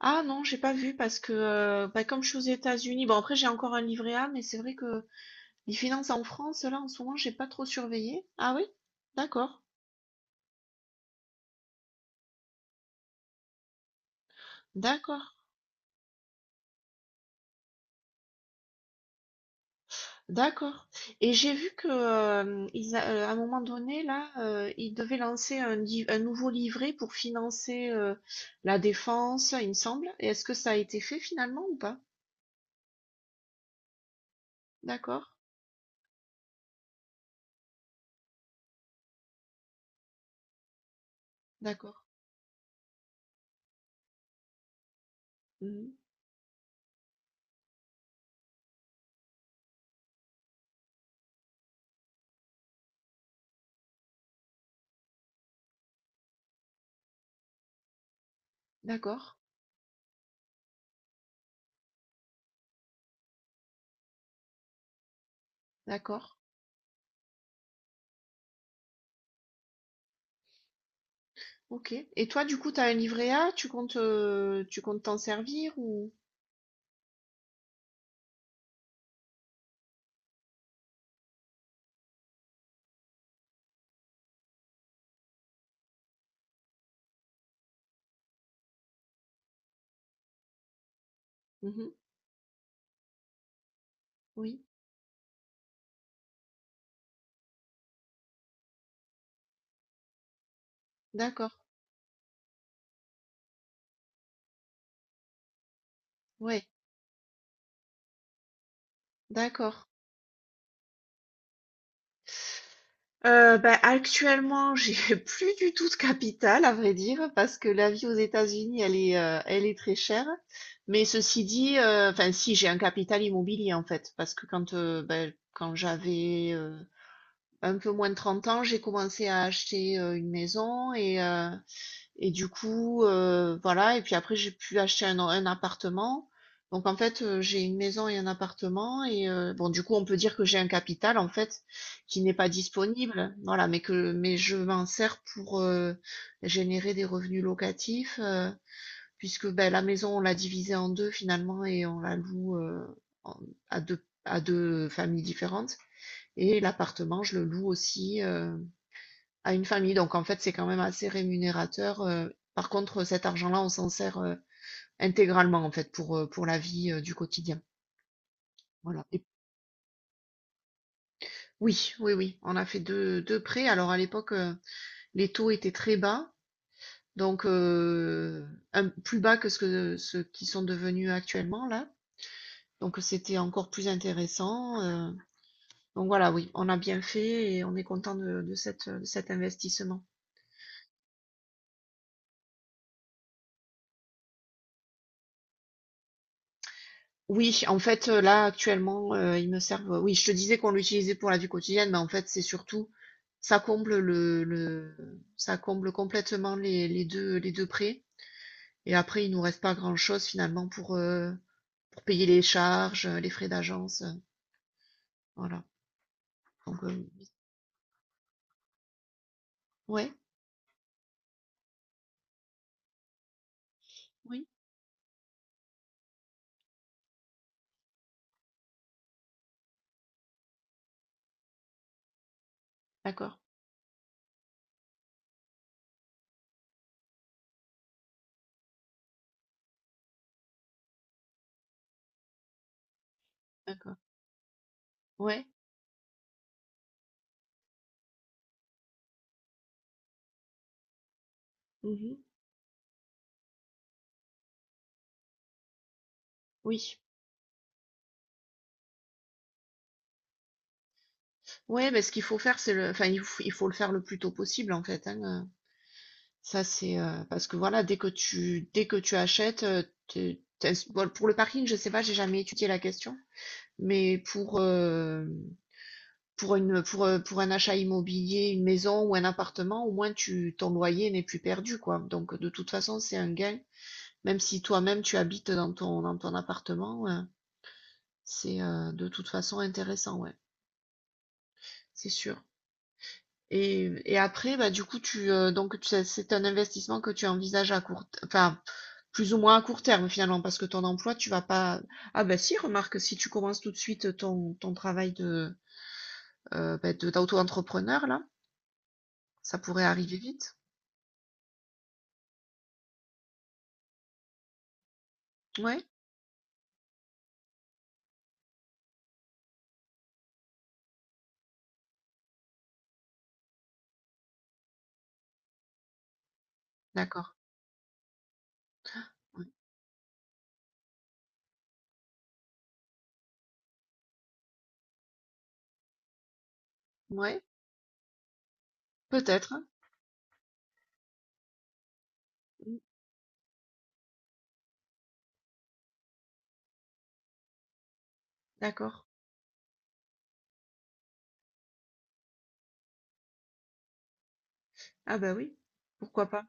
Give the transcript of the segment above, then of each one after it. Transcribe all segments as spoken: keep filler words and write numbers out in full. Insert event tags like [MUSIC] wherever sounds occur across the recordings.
Ah non, j'ai pas vu parce que euh, bah, comme je suis aux États-Unis, bon après j'ai encore un livret A, mais c'est vrai que les finances en France, là en ce moment, j'ai pas trop surveillé. Ah oui? D'accord, d'accord, d'accord. Et j'ai vu que euh, ils a- euh, à un moment donné, là, euh, ils devaient lancer un, li- un nouveau livret pour financer euh, la défense, il me semble. Et est-ce que ça a été fait finalement ou pas? D'accord, d'accord, mhm, d'accord, d'accord. OK. Et toi, du coup, tu as un livret A, tu comptes, euh, tu comptes t'en servir ou mhm. Oui, d'accord. Ouais, d'accord. Euh, bah, actuellement, j'ai [LAUGHS] plus du tout de capital, à vrai dire, parce que la vie aux États-Unis, elle est, euh, elle est très chère. Mais ceci dit, euh, enfin, si j'ai un capital immobilier en fait, parce que quand, euh, ben, quand j'avais euh, un peu moins de trente ans, j'ai commencé à acheter euh, une maison et, euh, et du coup, heu, voilà et puis après j'ai pu acheter un un appartement. Donc en fait, heu, j'ai une maison et un appartement et heu, bon du coup on peut dire que j'ai un capital en fait, qui n'est pas disponible, voilà, mais que mais je m'en sers pour, heu, générer des revenus locatifs, heu, puisque, ben la maison on l'a divisée en deux finalement et on la loue, heu, en à deux à deux familles différentes et l'appartement je le loue aussi, heu à une famille. Donc en fait, c'est quand même assez rémunérateur. Euh, par contre, cet argent-là, on s'en sert euh, intégralement en fait pour, euh, pour la vie euh, du quotidien. Voilà. Et- oui, oui, oui. On a fait deux, deux prêts. Alors à l'époque, euh, les taux étaient très bas, donc euh, un- plus bas que ce que ceux qui sont devenus actuellement là. Donc c'était encore plus intéressant. euh. Donc voilà, oui, on a bien fait et on est content de, de cette, de cet investissement. Oui, en fait, heu, là, actuellement, heu, ils me servent oui, je te disais qu'on l'utilisait pour la vie quotidienne, mais en fait, c'est surtout ça comble le le ça comble complètement les les deux les deux prêts et après, il nous reste pas grand-chose finalement pour, heu, pour payer les charges, heu, les frais d'agence, heu, voilà. Donc, heu, ouais, oui, d'accord, d'accord. Ouais. Mmh. Oui. Ouais, mais ce qu'il faut faire, c'est le enfin, il faut il faut le faire le plus tôt possible en fait, hein. Ça, c'est euh, parce que voilà, dès que tu dès que tu achètes, euh, t'es- t'es- bon, pour le parking, je sais pas, j'ai jamais étudié la question, mais pour euh, pour une pour euh, pour un achat immobilier, une maison ou un appartement, au moins tu ton loyer n'est plus perdu quoi. Donc de toute façon, c'est un gain, même si toi-même tu habites dans ton dans ton appartement, hein, c'est euh, de toute façon intéressant, ouais, c'est sûr. Et, et après, bah, du coup, tu, euh, donc, tu- c'est un investissement que tu envisages à court, enfin, plus ou moins à court terme finalement, parce que ton emploi, tu vas pas. Ah bah si, remarque, si tu commences tout de suite ton, ton travail de, euh, bah, de- d'auto-entrepreneur, là, ça pourrait arriver vite. Ouais, d'accord. Ouais, ouais, peut-être. Hein. Mm, d'accord. Ah bah oui, pourquoi pas.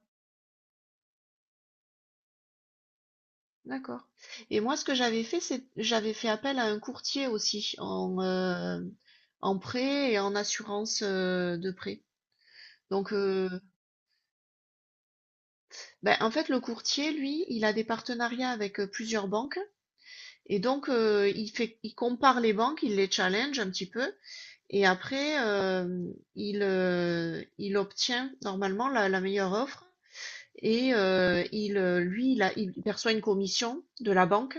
D'accord. Et moi, ce que j'avais fait, c'est j'avais fait appel à un courtier aussi en, euh, en prêt et en assurance euh, de prêt. Donc, heu, bah, en fait, le courtier, lui, il a des partenariats avec, heu, plusieurs banques et donc, heu, il fait il compare les banques, il les challenge un petit peu et après, hem, il, heu, il obtient normalement la la meilleure offre et heu, il, heu, lui, il a il perçoit une commission de la banque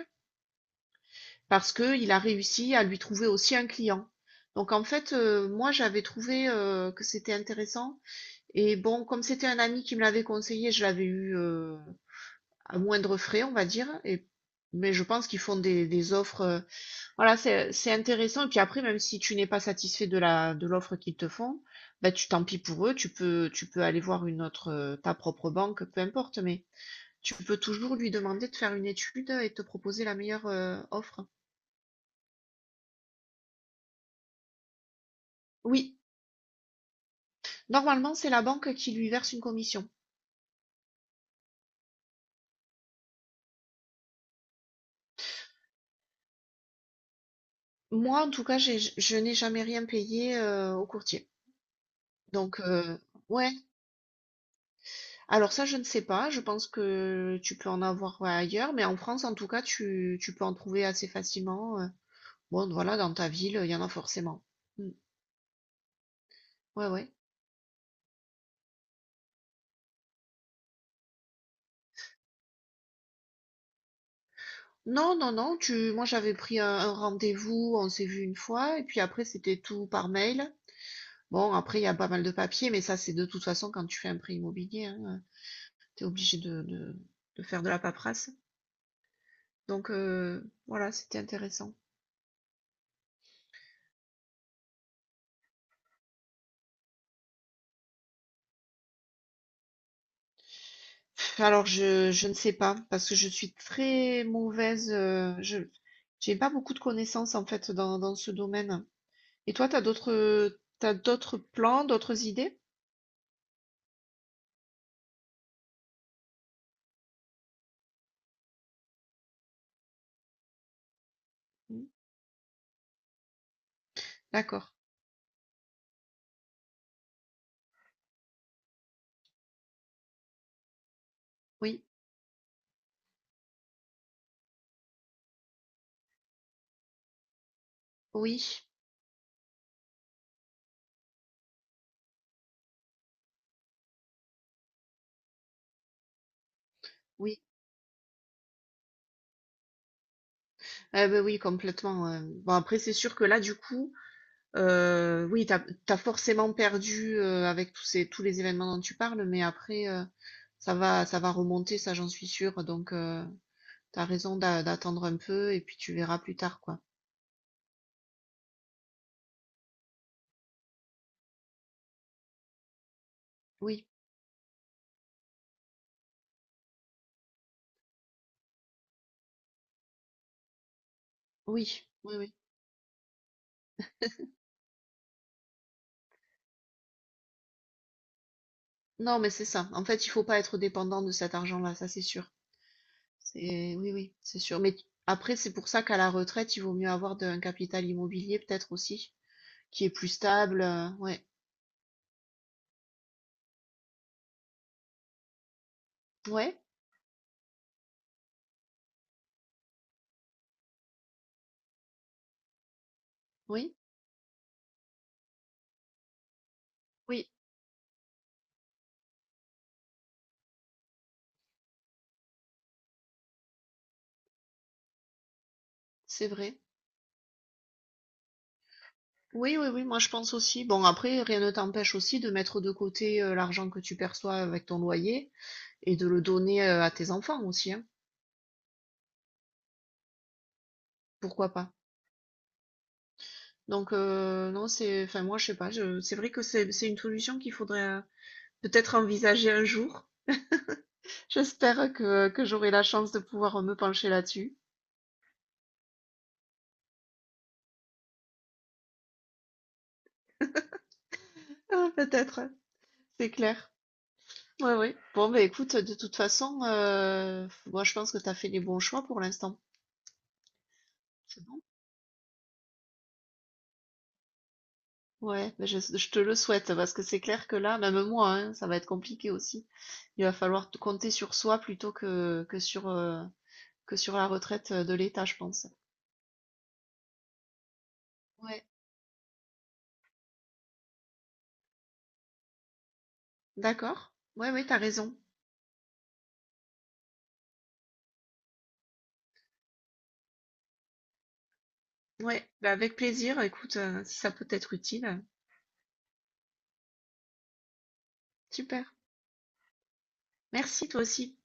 parce que il a réussi à lui trouver aussi un client. Donc en fait, heu, moi, j'avais trouvé, heu, que c'était intéressant et bon, comme c'était un ami qui me l'avait conseillé, je l'avais eu, heu à moindre frais, on va dire. Et, mais je pense qu'ils font des, des offres. Euh, voilà, c'est, c'est intéressant. Et puis après, même si tu n'es pas satisfait de la, de l'offre qu'ils te font, bah, tu tant pis pour eux. Tu peux, tu peux aller voir une autre, euh, ta propre banque, peu importe. Mais tu peux toujours lui demander de faire une étude et de te proposer la meilleure, euh, offre. Oui, normalement, c'est la banque qui lui verse une commission. Moi, en tout cas, j'ai, je n'ai jamais rien payé, euh, au courtier. Donc, euh, ouais. Alors ça, je ne sais pas. Je pense que tu peux en avoir ouais, ailleurs, mais en France, en tout cas, tu, tu peux en trouver assez facilement. euh. Bon, voilà, dans ta ville, il y en a forcément. Mm. Ouais, ouais. Non, non, non. Tu, moi, j'avais pris un, un rendez-vous, on s'est vu une fois, et puis après, c'était tout par mail. Bon, après, il y a pas mal de papiers, mais ça, c'est de toute façon quand tu fais un prêt immobilier, hein, t'es obligé de, de, de faire de la paperasse. Donc euh, voilà, c'était intéressant. Alors je je ne sais pas parce que je suis très mauvaise, heu, je j'ai pas beaucoup de connaissances en fait dans dans ce domaine. Et toi, t'as d'autres, t'as d'autres plans, d'autres idées? Mmh. D'accord. Oui, oui, oui. Ah ben oui complètement, heu, bon après c'est sûr que là du coup, heu, oui t'as t'as forcément perdu, heu, avec tous ces tous les événements dont tu parles, mais après, heu, ça va ça va remonter ça j'en suis sûre donc heu, tu raison d'a d'attendre un peu et puis tu verras plus tard quoi. Oui. Oui, oui, oui. Non, mais c'est ça. En fait, il faut pas être dépendant de cet argent-là, ça c'est sûr. C'est oui, oui, c'est sûr. Mais tu- après, c'est pour ça qu'à la retraite, il vaut mieux avoir de- un capital immobilier peut-être aussi, qui est plus stable. euh, Ouais, ouais, oui, oui, c'est vrai. Oui, oui, oui, moi je pense aussi. Bon, après, rien ne t'empêche aussi de mettre de côté euh, l'argent que tu perçois avec ton loyer et de le donner euh, à tes enfants aussi, hein. Pourquoi pas? Donc euh, non, c'est, enfin moi je sais pas, je- c'est vrai que c'est c'est une solution qu'il faudrait. Euh, peut-être envisager un jour. J'espère que, que j'aurai la chance de pouvoir me pencher là-dessus. Ah, peut-être, c'est clair. Oui oui. Bon, bah écoute, de toute façon, euh, moi je pense que tu as fait les bons choix pour l'instant. C'est bon? Ouais, mais je, je te le souhaite parce que c'est clair que là, même moi, hein, ça va être compliqué aussi. Il va falloir t- compter sur soi plutôt que, que sur, euh, que sur la retraite de l'État, je pense. Ouais, d'accord. Ouais, ouais, t'as raison. Ouais, bah avec plaisir, écoute, euh, si ça peut être utile, super. Merci toi aussi.